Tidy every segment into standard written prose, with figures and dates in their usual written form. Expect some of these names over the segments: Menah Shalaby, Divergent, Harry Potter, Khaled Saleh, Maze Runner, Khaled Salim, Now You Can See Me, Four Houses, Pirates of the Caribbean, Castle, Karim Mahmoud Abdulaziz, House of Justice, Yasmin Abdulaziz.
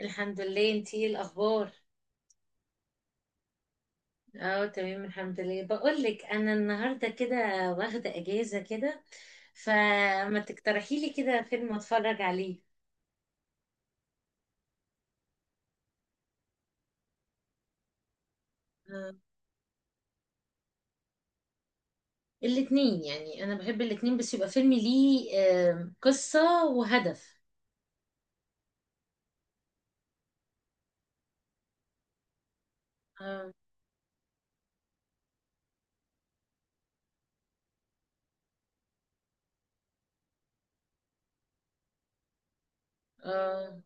الحمد لله. انتي ايه الاخبار؟ اه، تمام الحمد لله. بقول لك انا النهارده كده واخده اجازه كده، فما تقترحي لي كده فيلم اتفرج عليه؟ آه، الاتنين، يعني انا بحب الاتنين، بس يبقى فيلم ليه قصه وهدف. اه اه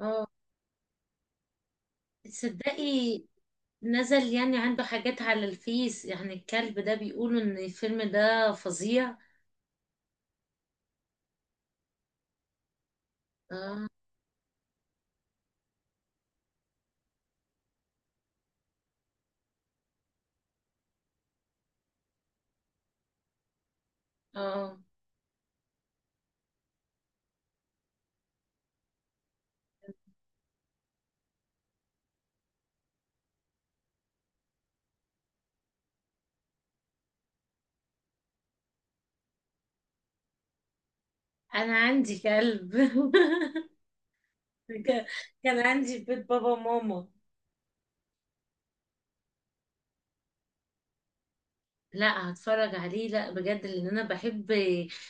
اه، تصدقي نزل يعني عنده حاجات على الفيس، يعني الكلب ده بيقولوا ان الفيلم ده فظيع. اه اه، انا عندي كلب ك- كان عندي في بيت بابا وماما. لا هتفرج عليه، لا بجد، لان انا بحب،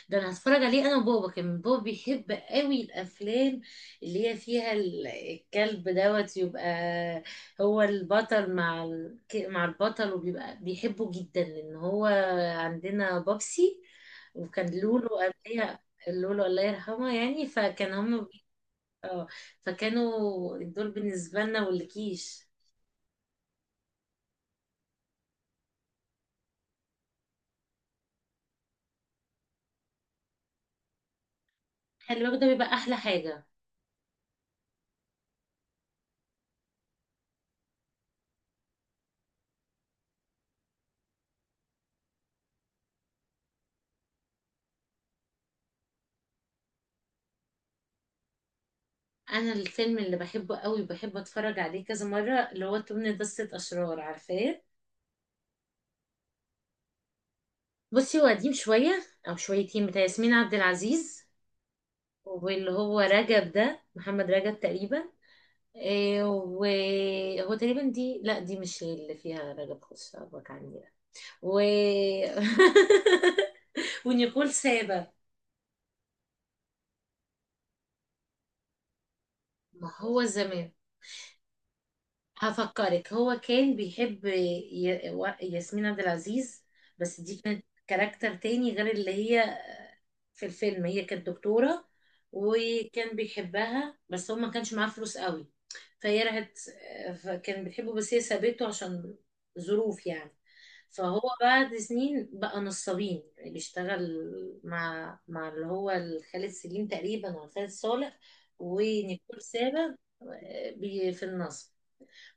ده انا هتفرج عليه انا وبابا. كمان بابا بيحب قوي الافلام اللي هي فيها الكلب دوت. يبقى هو البطل مع مع البطل وبيبقى بيحبه جدا، لان هو عندنا بابسي، وكان لولو قبلها. لولو الله يرحمه، يعني فكان هم، اه، فكانوا دول بالنسبة لنا والكيش. خلي بالك ده بيبقى احلى حاجة. انا الفيلم اللي بحبه قوي بحب اتفرج عليه كذا مره اللي هو تمن دستة اشرار، عارفاه؟ بصي هو قديم شويه او شويتين بتاع ياسمين عبد العزيز، واللي هو رجب ده، محمد رجب تقريبا. إيه، وهو تقريبا دي، لا دي مش اللي فيها رجب خش أبوك عني ده. و ونيكول سابا. ما هو زمان. هفكرك، هو كان بيحب ياسمين عبد العزيز، بس دي كانت كاركتر تاني غير اللي هي في الفيلم. هي كانت دكتورة وكان بيحبها، بس هو ما كانش معاه فلوس قوي فهي راحت. فكان بيحبه بس هي سابته عشان ظروف يعني. فهو بعد سنين بقى نصابين بيشتغل مع اللي هو خالد سليم تقريبا ولا خالد صالح، ونيكول سابا في النصب.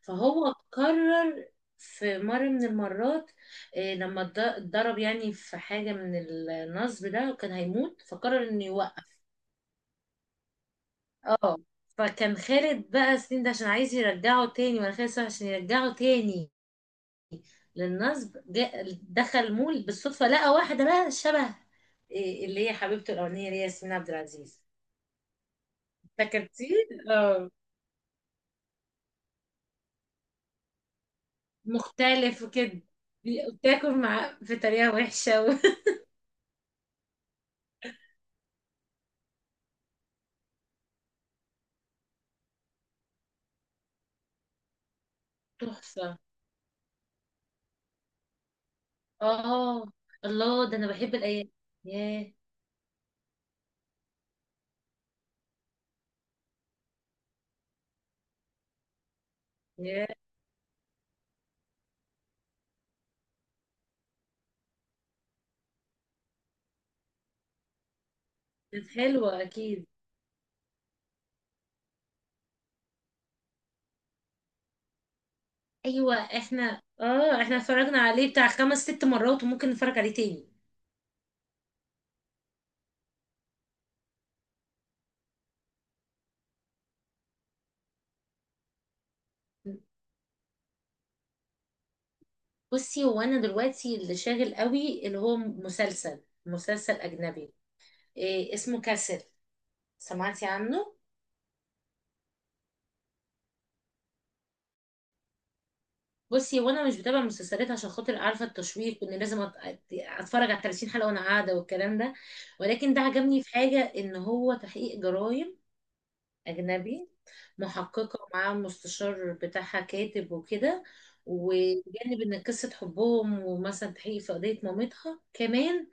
فهو قرر في مرة من المرات لما اتضرب يعني في حاجة من النصب ده وكان هيموت، فقرر انه يوقف. اه، فكان خالد بقى سنين ده عشان عايز يرجعه تاني، ولا خالد صالح عشان يرجعه تاني للنصب. جاء دخل مول بالصدفة، لقى واحدة بقى شبه اللي هي حبيبته الأولانية اللي هي ياسمين عبد العزيز. فكرتيه. اه، مختلف وكده. بتاكل مع في طريقة وحشة تحفة. اه، الله، ده انا بحب الايام. ياه، ياه، كانت حلوه اكيد. ايوه، احنا اتفرجنا عليه بتاع خمس ست مرات وممكن نتفرج عليه تاني. بصي هو انا دلوقتي اللي شاغل قوي اللي هو مسلسل، مسلسل اجنبي. إيه اسمه؟ كاسل، سمعتي عنه؟ بصي، وانا مش بتابع مسلسلات عشان خاطر عارفه التشويق وان لازم اتفرج على 30 حلقه وانا قاعده والكلام ده. ولكن ده عجبني في حاجه، ان هو تحقيق جرائم أجنبي. محققة ومعاها مستشار بتاعها كاتب وكده، وجانب إن قصة حبهم، ومثلا تحقيق في قضية مامتها كمان.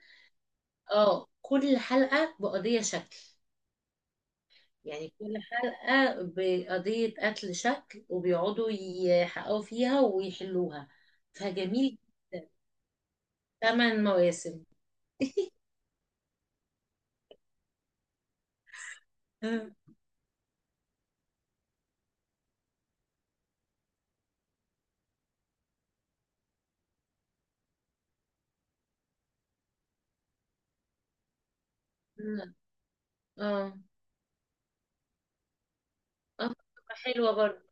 اه، كل حلقة بقضية شكل، يعني كل حلقة بقضية قتل شكل وبيقعدوا يحققوا فيها ويحلوها، فجميل. ثمان مواسم اه اه بتبقى حلوة برضه.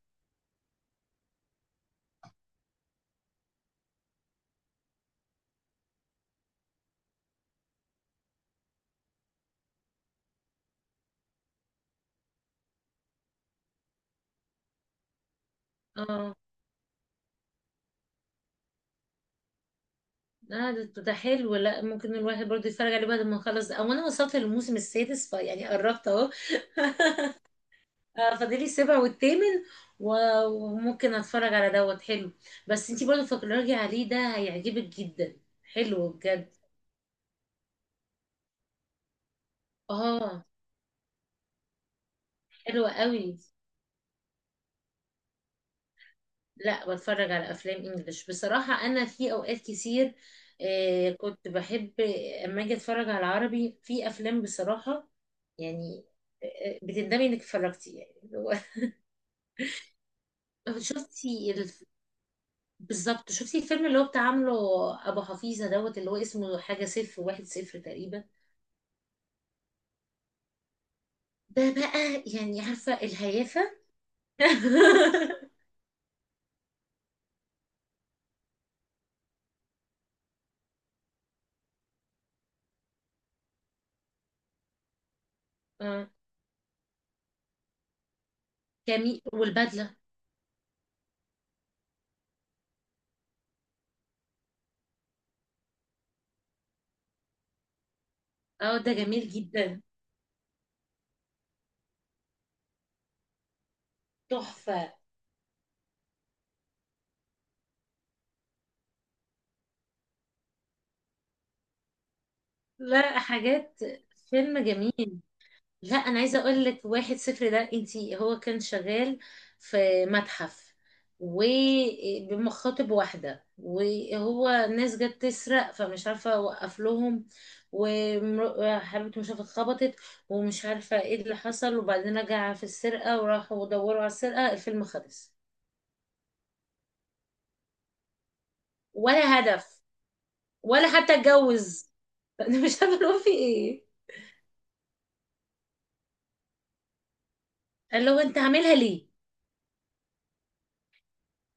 اه، لا ده حلو، لا ممكن الواحد برضه يتفرج عليه بعد ما نخلص ده. او انا وصلت للموسم السادس فيعني قربت اهو. فاضلي السابع والثامن وممكن اتفرج على دوت. حلو. بس انتي برضه فكري عليه، ده هيعجبك جدا، حلو بجد. اه، حلو قوي. لا بتفرج على افلام انجليش بصراحة، انا في اوقات كتير كنت بحب، اما اجي اتفرج على عربي في افلام بصراحة يعني بتندمي انك اتفرجتي يعني. شفتي؟ بالظبط، شفتي الفيلم اللي هو بتاع عامله ابو حفيظه دوت اللي هو اسمه حاجه صفر واحد صفر تقريبا؟ ده بقى يعني عارفه الهيافه. اه جميل، والبدله. اه، ده جميل جدا. تحفه. لا حاجات، فيلم جميل. لا انا عايزه اقول لك واحد صفر ده، انتي، هو كان شغال في متحف وبمخاطب واحده، وهو ناس جت تسرق فمش عارفه وقف لهم، وحبيبته مش عارفه اتخبطت ومش عارفه ايه اللي حصل، وبعدين رجع في السرقه وراحوا دوروا على السرقه، الفيلم خلص. ولا هدف، ولا حتى اتجوز انا مش عارفه هو في ايه. اللي هو انت عاملها ليه؟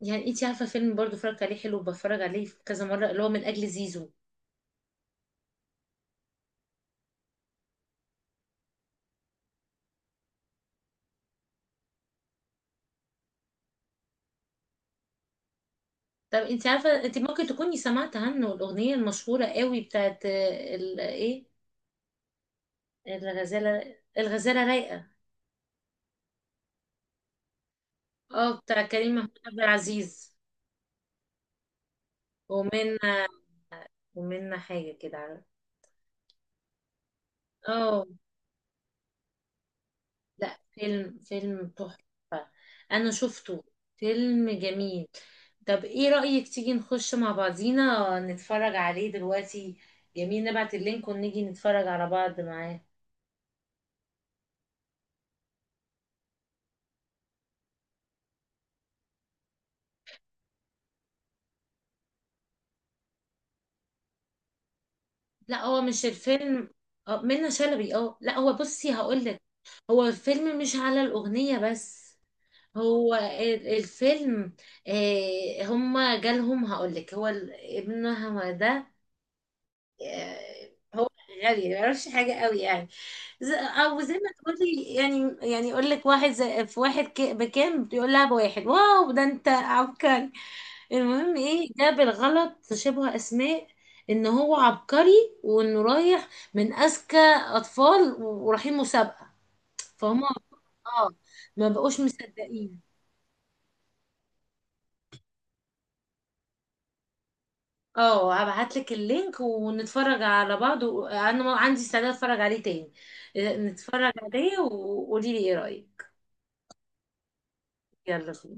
يعني انت عارفه فيلم برضو اتفرجت عليه، حلو بتفرج عليه كذا مره، اللي هو من اجل زيزو. طب انت عارفه، انت ممكن تكوني سمعت عنه، الاغنيه المشهوره قوي بتاعت ايه، الغزاله الغزاله رايقه. اه بتاع كريم محمود عبد العزيز. ومنا، ومنا حاجه كده، عارف. اه لا، فيلم تحفه. انا شفته. فيلم جميل. طب ايه رايك تيجي نخش مع بعضينا نتفرج عليه دلوقتي؟ جميل، نبعت اللينك ونيجي نتفرج على بعض معاه. لا هو مش الفيلم منة شلبي. اه لا، هو بصي هقول لك، هو الفيلم مش على الأغنية بس، هو الفيلم هما جالهم. هقول لك، هو ابنها ده هو غالي ما يعرفش حاجة قوي يعني. او زي ما تقولي، يعني يقول لك واحد زي في واحد بكام، بيقول لها بواحد، واو ده انت عبقري. المهم ايه ده بالغلط شبه اسماء، ان هو عبقري وانه رايح من اذكى اطفال ورايحين مسابقة، فهم. اه، ما بقوش مصدقين. اه، هبعت لك اللينك ونتفرج على بعض، وانا ما عندي استعداد اتفرج عليه تاني. نتفرج عليه وقولي لي ايه رأيك. يلا.